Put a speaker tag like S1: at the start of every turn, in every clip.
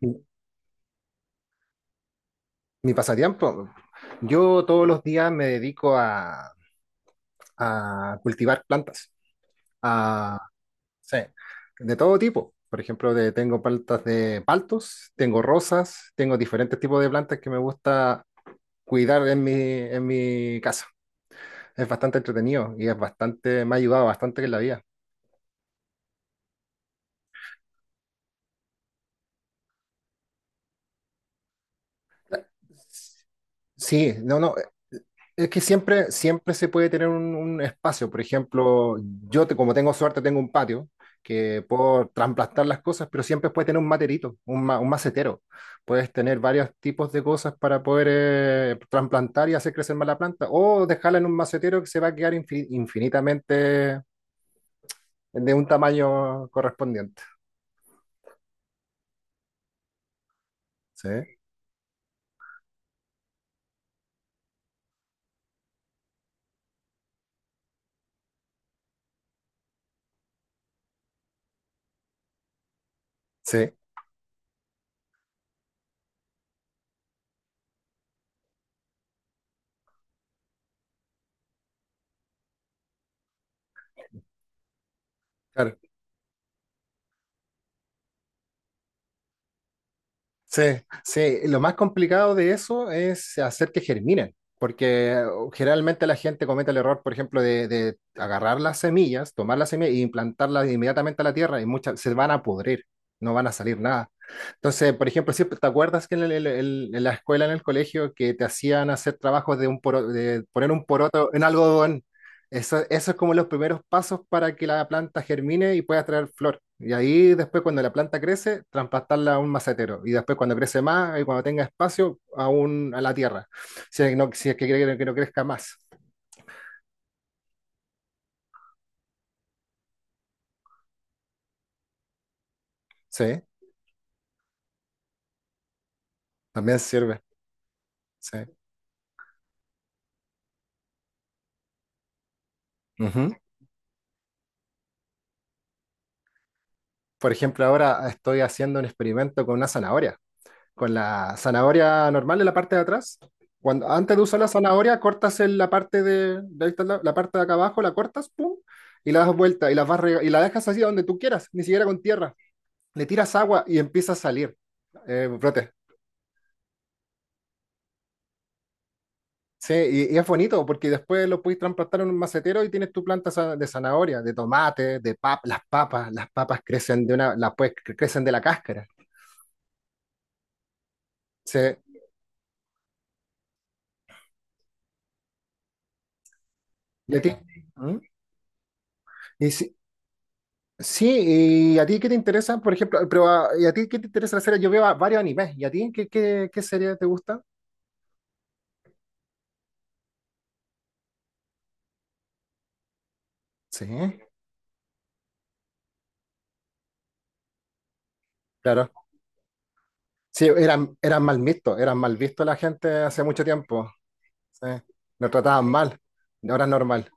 S1: Mi mi pasatiempo. Yo todos los días me dedico a cultivar plantas, a, sí, de todo tipo. Por ejemplo, tengo plantas de paltos, tengo rosas, tengo diferentes tipos de plantas que me gusta cuidar en mi casa. Es bastante entretenido y me ha ayudado bastante en la vida. Sí, no, no. Es que siempre, siempre se puede tener un espacio. Por ejemplo, como tengo suerte, tengo un patio que puedo trasplantar las cosas, pero siempre puedes tener un materito, un macetero. Puedes tener varios tipos de cosas para poder trasplantar y hacer crecer más la planta, o dejarla en un macetero que se va a quedar infinitamente de un tamaño correspondiente. Sí, sí, claro. Sí, sí, lo más complicado de eso es hacer que germinen, porque generalmente la gente comete el error, por ejemplo, de agarrar las semillas, tomar las semillas e implantarlas inmediatamente a la tierra y muchas se van a pudrir, no van a salir nada. Entonces, por ejemplo, siempre te acuerdas que en la escuela, en el colegio, que te hacían hacer trabajos de poner un poroto en algodón. Eso es como los primeros pasos para que la planta germine y pueda traer flor. Y ahí después, cuando la planta crece, trasplantarla a un macetero. Y después, cuando crece más y cuando tenga espacio, a la tierra. Si es, que no, si es que quiere que no crezca más. Sí, también sirve. Sí. Ujú. Por ejemplo, ahora estoy haciendo un experimento con una zanahoria. Con la zanahoria normal en la parte de atrás. Cuando, antes de usar la zanahoria, cortas en la parte de ahí, está la parte de acá abajo, la cortas, pum, y la das vuelta y la dejas así donde tú quieras, ni siquiera con tierra. Le tiras agua y empieza a salir brote. Sí, y es bonito porque después lo puedes transplantar en un macetero y tienes tu planta de zanahoria, de tomate, las papas crecen de una, crecen de la cáscara. Sí. Y a ti- ¿Mm? Y si- Sí, ¿y a ti qué te interesa? Por ejemplo, pero ¿y a ti qué te interesa la serie? Yo veo varios animes. ¿Y a ti qué serie te gusta? Sí, claro. Sí, eran mal vistos, eran mal vistos la gente hace mucho tiempo. Sí, nos trataban mal. Ahora es normal.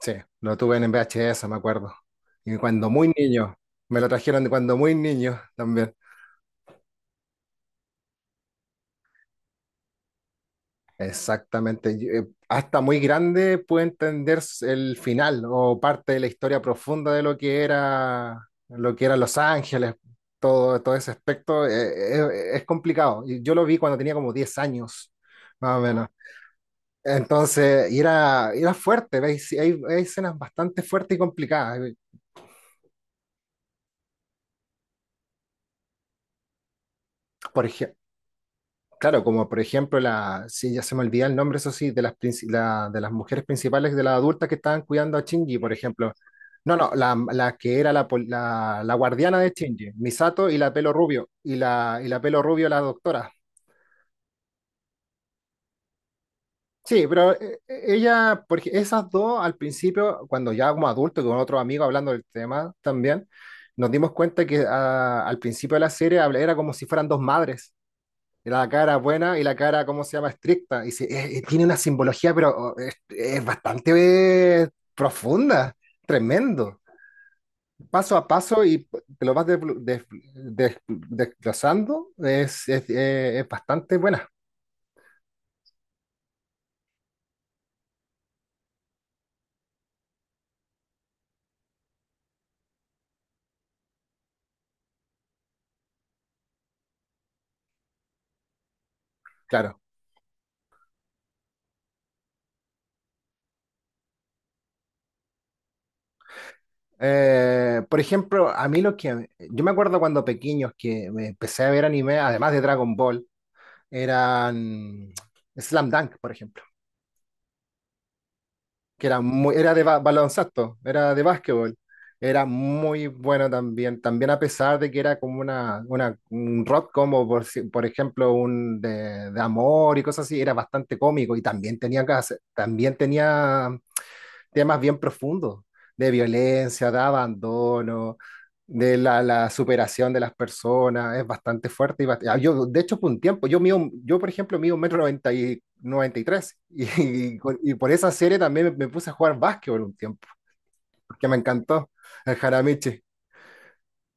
S1: Sí, lo tuve en VHS, me acuerdo. Y cuando muy niño, me lo trajeron de cuando muy niño también. Exactamente. Y hasta muy grande puede entender el final o parte de la historia profunda de lo que era Los Ángeles, todo ese aspecto. Es complicado. Y yo lo vi cuando tenía como 10 años, más o menos. Entonces, y era fuerte. ¿Veis? Sí, hay escenas bastante fuertes y complicadas. Por ejemplo. Claro, como por ejemplo, la, sí, ya se me olvida el nombre, eso sí, de las mujeres principales, de las adultas que estaban cuidando a Shinji, por ejemplo. No, no, la que era la guardiana de Shinji, Misato, y la pelo rubio, y la pelo rubio, la doctora. Sí, pero ella, porque esas dos al principio, cuando ya como adulto, con otro amigo hablando del tema también, nos dimos cuenta que ah, al principio de la serie era como si fueran dos madres. La cara buena y la cara, ¿cómo se llama? Estricta. Y tiene una simbología, pero oh, es bastante eh, profunda, tremendo. Paso a paso y te lo vas desglosando, es bastante buena, claro. Por ejemplo, a mí lo que... Yo me acuerdo cuando pequeños que me empecé a ver anime, además de Dragon Ball, eran Slam Dunk, por ejemplo. Que era de baloncesto, era de básquetbol. Era muy bueno también, también a pesar de que era como un rock, como por, si- por ejemplo de amor y cosas así, era bastante cómico y también tenía temas bien profundos, de violencia, de abandono, de la superación de las personas. Es bastante fuerte. Y yo, de hecho, por un tiempo, yo, yo por ejemplo, mido un metro noventa y, 93 y, tres, y por esa serie también me puse a jugar básquetbol un tiempo, porque me encantó el Jaramichi,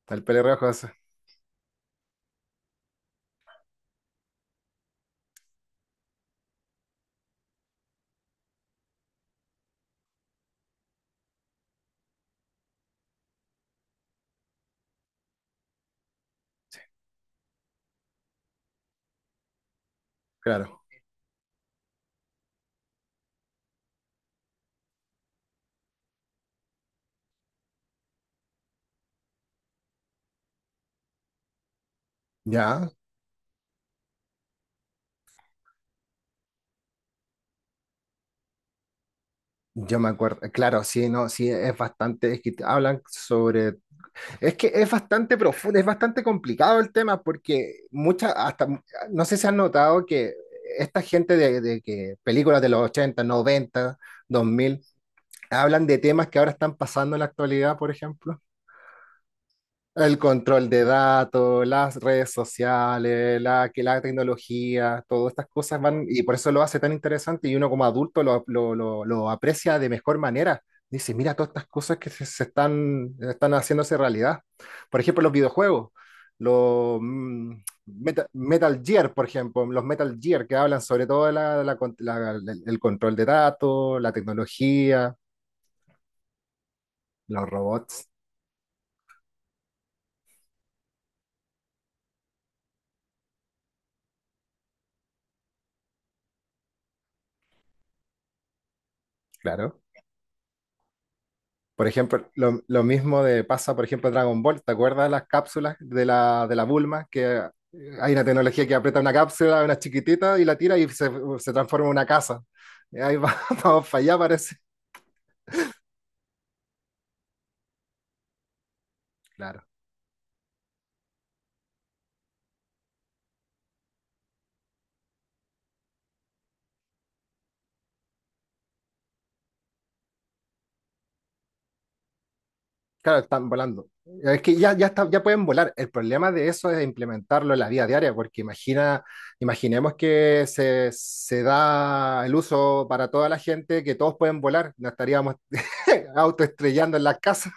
S1: el pelirrojo ese, claro, ya. Yo me acuerdo, claro, sí, no, sí, es bastante, es que hablan sobre. Es que es bastante profundo, es bastante complicado el tema, porque muchas, hasta, no sé si han notado que esta gente de que películas de los 80, 90, 2000 hablan de temas que ahora están pasando en la actualidad, por ejemplo. El control de datos, las redes sociales, la tecnología, todas estas cosas van, y por eso lo hace tan interesante, y uno como adulto lo aprecia de mejor manera. Dice, mira todas estas cosas que se están, haciéndose realidad. Por ejemplo, los videojuegos, los Metal Gear, por ejemplo, los Metal Gear que hablan sobre todo de la con- la- el control de datos, la tecnología, los robots, claro. Por ejemplo, lo mismo pasa, por ejemplo, Dragon Ball. ¿Te acuerdas las cápsulas de la Bulma? Que hay una tecnología que aprieta una cápsula, una chiquitita, y la tira y se transforma en una casa. Y ahí vamos para allá, parece. Claro, claro, están volando. Es que ya, ya, ya pueden volar. El problema de eso es implementarlo en la vida diaria, porque imagina, se da el uso para toda la gente, que todos pueden volar. No estaríamos autoestrellando en las casas.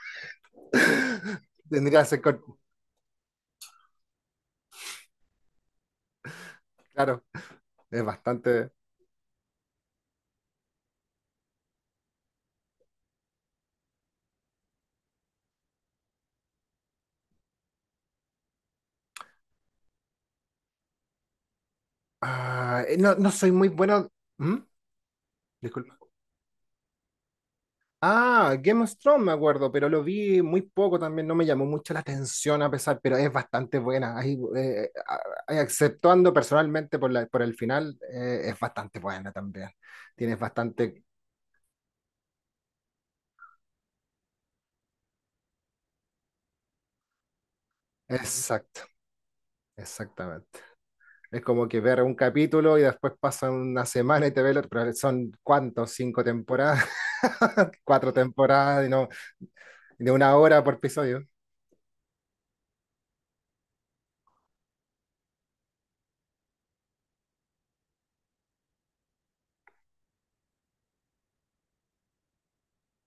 S1: Tendría que ser claro, es bastante. Ah, no, no soy muy bueno. ¿Mm? Disculpa. Ah, Game of Thrones me acuerdo, pero lo vi muy poco también, no me llamó mucho la atención, a pesar, pero es bastante buena. Ahí, exceptuando personalmente por por el final, es bastante buena también. Tienes bastante. Exacto, exactamente. Es como que ver un capítulo y después pasa una semana y te ve el otro, pero son cuántos, cinco temporadas, cuatro temporadas, y no, de una hora por episodio.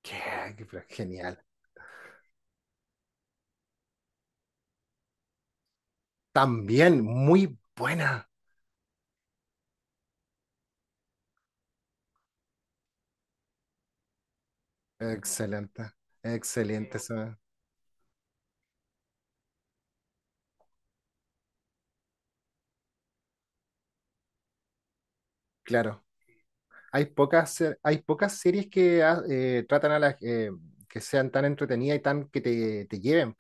S1: Qué, qué pero genial. También muy buena. Excelente, excelente. Claro, hay pocas, hay pocas series que ah, tratan a las que sean tan entretenidas y tan que te lleven,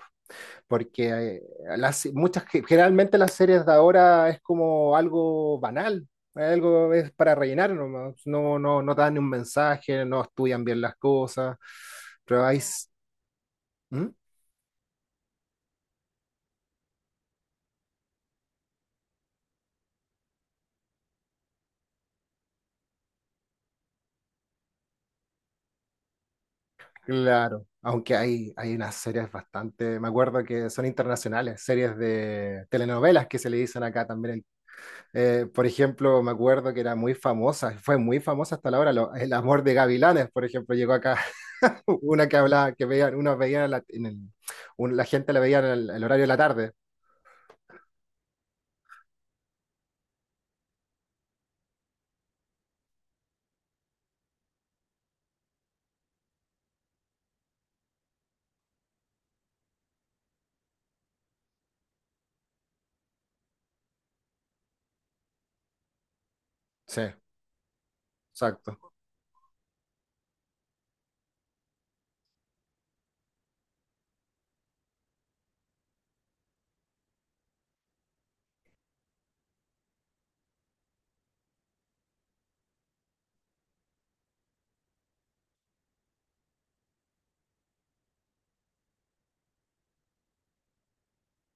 S1: porque generalmente las series de ahora es como algo banal, algo es para rellenar nomás, no, no, no dan un mensaje, no estudian bien las cosas, pero hay... ¿Mm? Claro, aunque hay unas series bastante, me acuerdo que son internacionales, series de telenovelas, que se le dicen acá también. Por ejemplo, me acuerdo que era muy famosa, fue muy famosa hasta la hora, El amor de Gavilanes, por ejemplo, llegó acá, una que hablaba, que veían, unos veían, la, en el- un- la gente la veía en el horario de la tarde. Sí, exacto,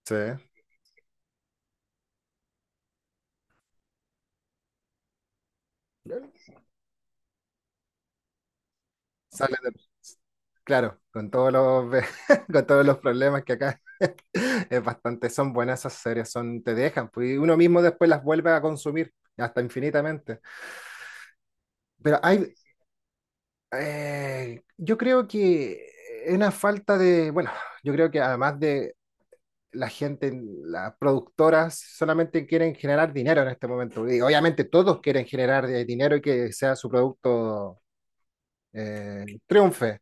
S1: sí. Sale de- claro, con todos los, con todos los problemas que acá. Es bastante, son buenas esas series, son, te dejan, pues, y uno mismo después las vuelve a consumir hasta infinitamente. Pero hay, yo creo que es una falta de, bueno, yo creo que además de la gente, las productoras solamente quieren generar dinero en este momento. Y obviamente todos quieren generar dinero y que sea su producto triunfe.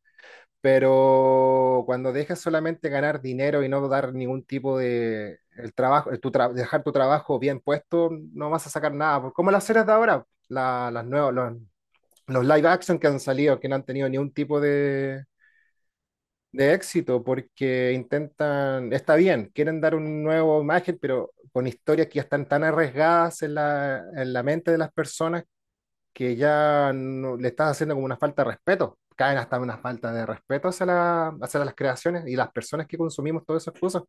S1: Pero cuando dejas solamente ganar dinero y no dar ningún tipo de el trabajo, dejar tu trabajo bien puesto, no vas a sacar nada, pues. Como las series de ahora, las nuevas, los live action que han salido, que no han tenido ningún tipo de éxito, porque intentan, está bien, quieren dar un nuevo imagen, pero con historias que ya están tan arriesgadas en la mente de las personas, que ya le estás haciendo como una falta de respeto, caen hasta una falta de respeto hacia, hacia las creaciones y las personas que consumimos todas esas cosas.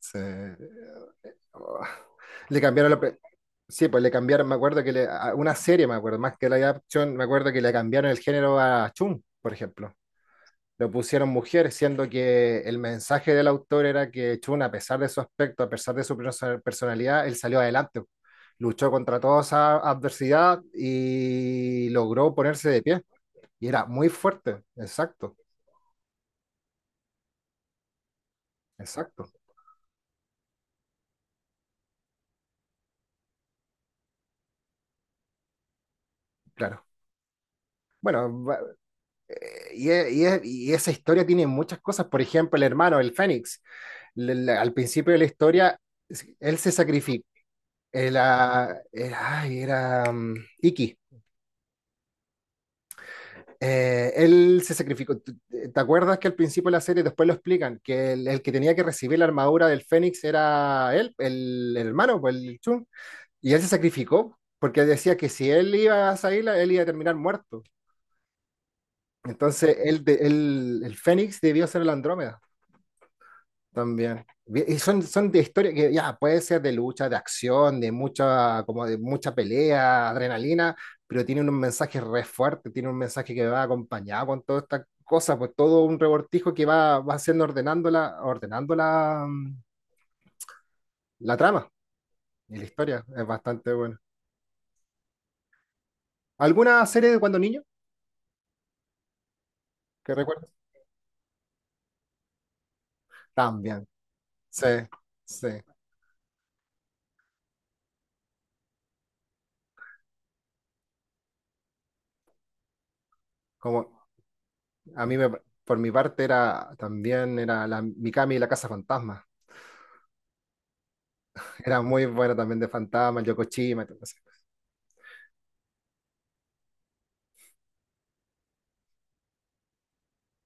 S1: Se- Le cambiaron la... Sí, pues le cambiaron, me acuerdo que una serie, me acuerdo, más que la adaptación, me acuerdo que le cambiaron el género a Chun, por ejemplo. Lo pusieron mujer, siendo que el mensaje del autor era que Chun, a pesar de su aspecto, a pesar de su personalidad, él salió adelante, luchó contra toda esa adversidad y logró ponerse de pie. Y era muy fuerte, exacto, exacto, claro. Bueno, y esa historia tiene muchas cosas, por ejemplo, el hermano, el Fénix, al principio de la historia, él se sacrificó. Era, ay, era Iki. Él se sacrificó. ¿Te acuerdas que al principio de la serie después lo explican? Que el que tenía que recibir la armadura del Fénix era él, el hermano, pues, el Chun. Y él se sacrificó porque decía que si él iba a salir, él iba a terminar muerto. Entonces, el Fénix debió ser el Andrómeda. También. Bien, y son de historia que ya puede ser de lucha, de acción, de mucha, como de mucha pelea, adrenalina, pero tiene un mensaje re fuerte, tiene un mensaje que va acompañado con toda esta cosa, pues todo un revoltijo que va haciendo, ordenando la trama y la historia. Es bastante bueno. ¿Alguna serie de cuando niño que recuerdas? También, sí, sí. Como a mí me- por mi parte era también era la Mikami y la Casa Fantasma. Era muy bueno también de Fantasma, el Yokoshima y todo eso.